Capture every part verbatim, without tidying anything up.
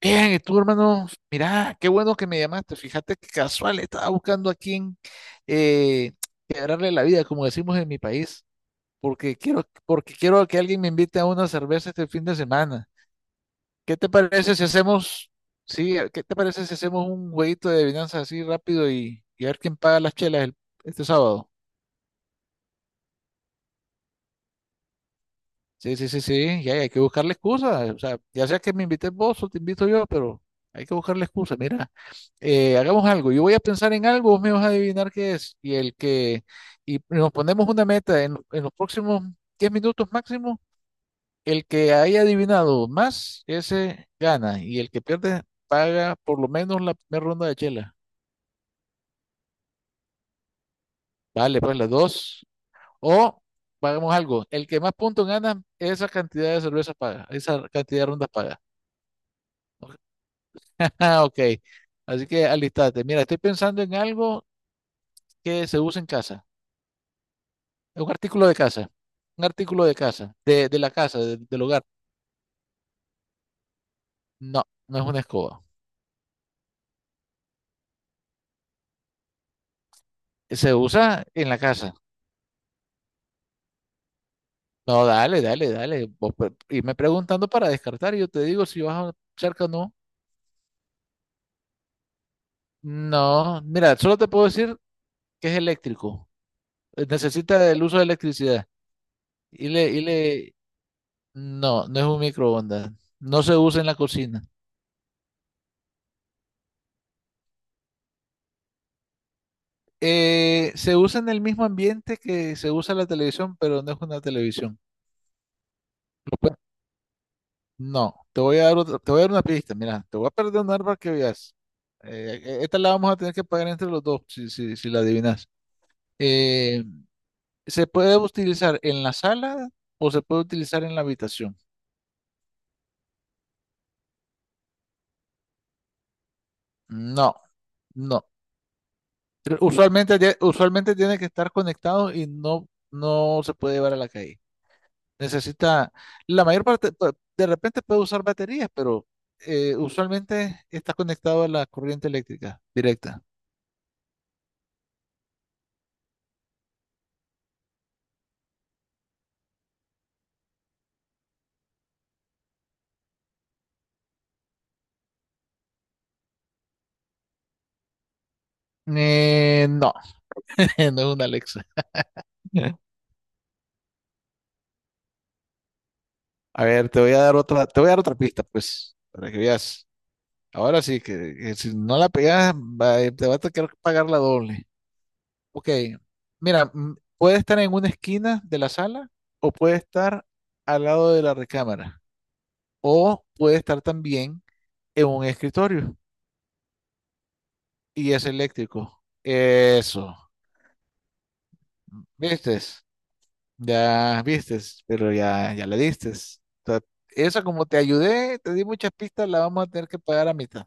Bien, y tú, hermano, mirá, qué bueno que me llamaste. Fíjate que casual, estaba buscando a quién eh, quebrarle la vida, como decimos en mi país, porque quiero, porque quiero que alguien me invite a una cerveza este fin de semana. ¿Qué te parece si hacemos, sí, eh, qué te parece si hacemos un jueguito de adivinanza así rápido y, y a ver quién paga las chelas el- este sábado? Sí, sí, sí, sí, y hay, hay que buscarle excusas, o sea, ya sea que me invites vos o te invito yo, pero hay que buscarle excusas. Mira, eh, hagamos algo, yo voy a pensar en algo, vos me vas a adivinar qué es, y el que, y nos ponemos una meta en, en los próximos diez minutos máximo, el que haya adivinado más, ese gana, y el que pierde paga por lo menos la primera ronda de chela. Vale, pues las dos, o pagamos algo, el que más puntos gana, esa cantidad de cervezas paga, esa cantidad de rondas paga. Ah, ok. Así que alistate. Mira, estoy pensando en algo que se usa en casa. Es un artículo de casa. Un artículo de casa. De, de la casa, de- del hogar. No, no es una escoba. Se usa en la casa. No, dale, dale, dale. Vos pre- irme preguntando para descartar y yo te digo si vas a- cerca o no. No, mira, solo te puedo decir que es eléctrico. Eh, Necesita el uso de electricidad. Y le, y le... No, no es un microondas. No se usa en la cocina. Eh, se usa en el mismo ambiente que se usa la televisión, pero no es una televisión. Lo pue- No, te voy a dar otra- te voy a dar una pista. Mira, te voy a perdonar para que veas. Eh, e- esta la vamos a tener que pagar entre los dos si, si, si la adivinas. Eh, ¿se puede utilizar en la sala o se puede utilizar en la habitación? No, no. Usualmente, tie- usualmente tiene que estar conectado y no, no se puede llevar a la calle. Necesita, la mayor parte, pa- de repente puede usar baterías, pero eh, usualmente está conectado a la corriente eléctrica directa. Eh, no, no es una Alexa. A ver, te voy a dar otra, te voy a dar otra pista, pues, para que veas. Ahora sí, que, que si no la pegas, va- eh, te va a tener que pagar la doble. Ok, mira, mm, puede estar en una esquina de la sala o puede estar al lado de la recámara o puede estar también en un escritorio. Y es eléctrico. Eso. ¿Vistes? Ya vistes, pero ya, ya le distes. Ta- Eso como te ayudé, te di muchas pistas, la vamos a tener que pagar a mitad.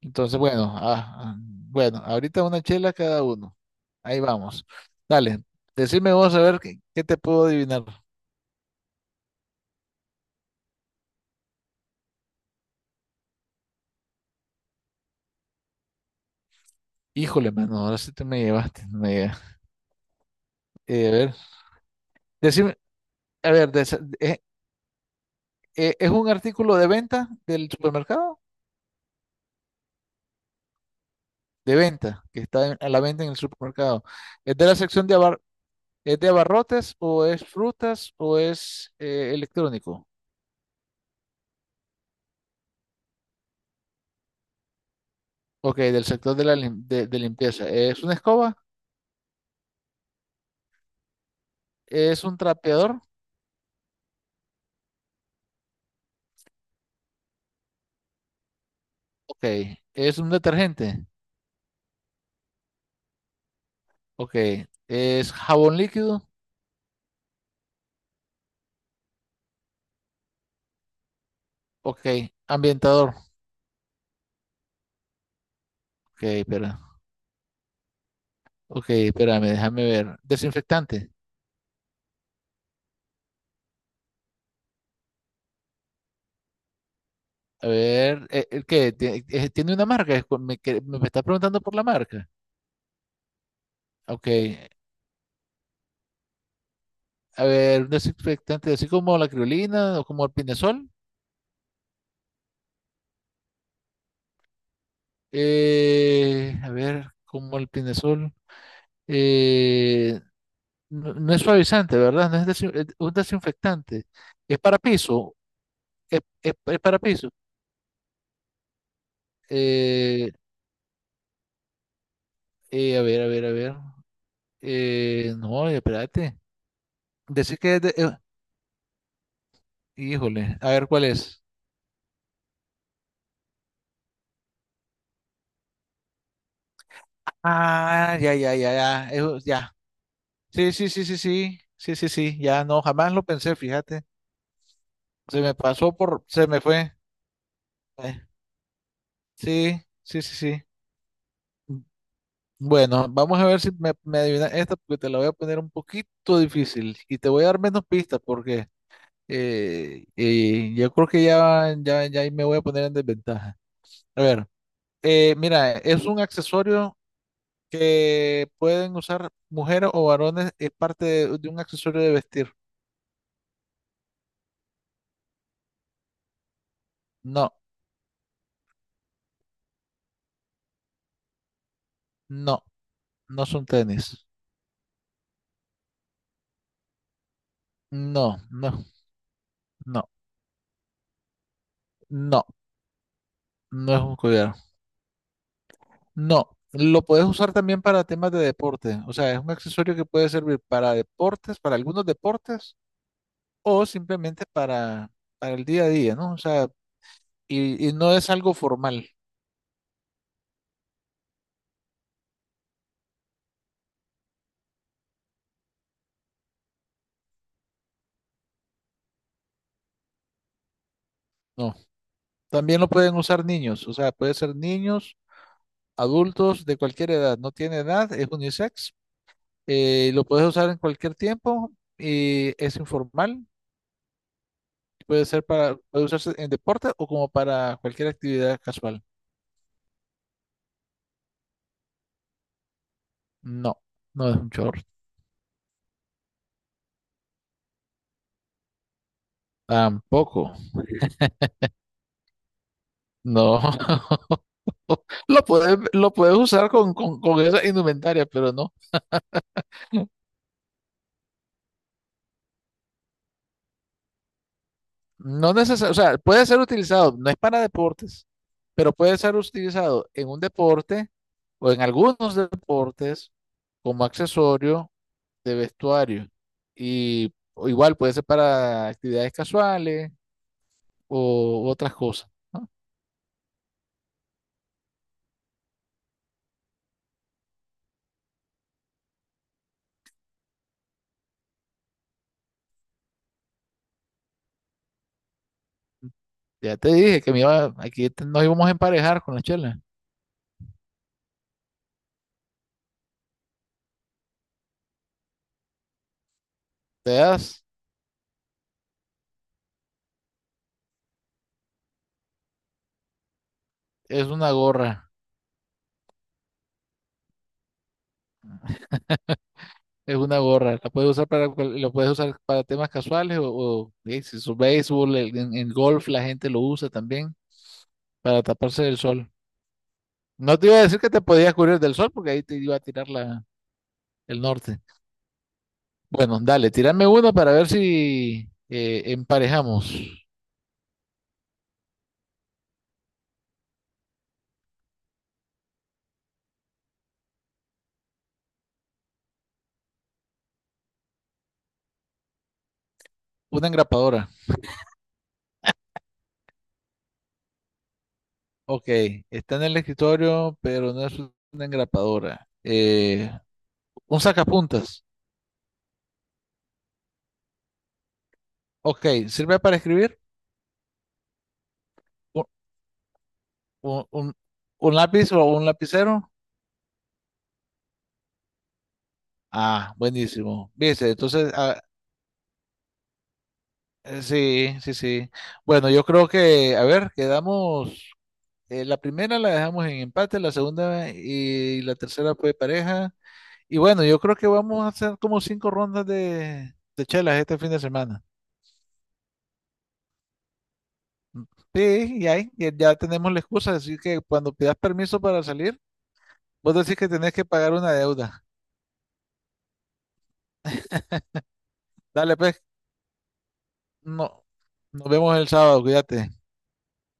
Entonces, bueno, ah, ah, bueno, ahorita una chela cada uno. Ahí vamos. Dale, decime vos a ver qué, qué te puedo adivinar. Híjole, mano, ahora sí te me llevaste. No me llega. Eh, a ver, decime, a ver, des- eh, eh, ¿es un artículo de venta del supermercado? De venta, que está en- a la venta en el supermercado. ¿Es de la sección de, abar- es de abarrotes o es frutas o es eh, electrónico? Ok, del sector de la lim- de, de limpieza. ¿Es una escoba? ¿Es un trapeador? Ok. ¿Es un detergente? Ok. ¿Es jabón líquido? Ok. ¿Ambientador? Ok, espera. Ok, espérame, déjame ver. Desinfectante. A ver, eh, eh, ¿qué? Ti- eh, ¿Tiene una marca? Es cu- Me, que- me está preguntando por la marca. Ok, a ver, un desinfectante así como la criolina o como el pinesol. Eh, a ver, como el pinesol. eh, no, no es suavizante, ¿verdad? No es desin- es un desinfectante. Es para piso. Es, es- es para piso. Eh, eh, a ver, a ver, a ver. Eh, no, espérate. Decir que es de- eh, híjole, a ver cuál es. Ah, ya, ya, ya, ya. Eso, ya. Sí, sí, sí, sí, sí. Sí, sí, sí. Ya no, jamás lo pensé, fíjate. Se me pasó por, se me fue. Eh, sí, sí, sí, sí. Bueno, vamos a ver si me, me adivinas esta, porque te la voy a poner un poquito difícil y te voy a dar menos pistas porque eh, eh, yo creo que ya, ya, ya ahí me voy a poner en desventaja. A ver, eh, mira, es un accesorio que pueden usar mujeres o varones, es parte de, de un accesorio de vestir. No, no, no son tenis. No, no, no, no, no es un collar. No, lo puedes usar también para temas de deporte. O sea, es un accesorio que puede servir para deportes, para algunos deportes, o simplemente para, para el día a día, ¿no? O sea, y, y no es algo formal, no. También lo pueden usar niños, o sea, puede ser niños, adultos, de cualquier edad. No tiene edad, es unisex. eh, lo puedes usar en cualquier tiempo y es informal. Puede ser para, puede usarse en deporte o como para cualquier actividad casual. No, no es un short. Tampoco. No. Lo puedes, lo puedes usar con, con, con esa indumentaria, pero no. No necesario, o sea, puede ser utilizado, no es para deportes, pero puede ser utilizado en un deporte o en algunos deportes como accesorio de vestuario. Y o igual puede ser para actividades casuales o otras cosas, ¿no? Ya te dije que me iba, aquí te- nos íbamos a emparejar con la chela. Te das, es una gorra. Es una gorra, la puedes usar para, cual- la puedes usar para temas casuales o, o, eh, si es béisbol, el- en, en golf la gente lo usa también para taparse del sol. No te iba a decir que te podías cubrir del sol porque ahí te iba a tirar la, el norte. Bueno, dale, tírame una para ver si eh, emparejamos. Una engrapadora. Ok, está en el escritorio, pero no es una engrapadora. Eh, un sacapuntas. Ok, ¿sirve para escribir? ¿Un, un, un un lápiz o un lapicero? Ah, buenísimo. Viste, entonces, ah, eh, sí, sí, sí. Bueno, yo creo que, a ver, quedamos, eh, la primera la dejamos en empate, la segunda y la tercera fue pareja. Y bueno, yo creo que vamos a hacer como cinco rondas de, de chelas este fin de semana. Sí, y ahí ya, ya tenemos la excusa, así que cuando pidas permiso para salir, vos decís que tenés que pagar una deuda. Dale, pues, no, nos vemos el sábado, cuídate.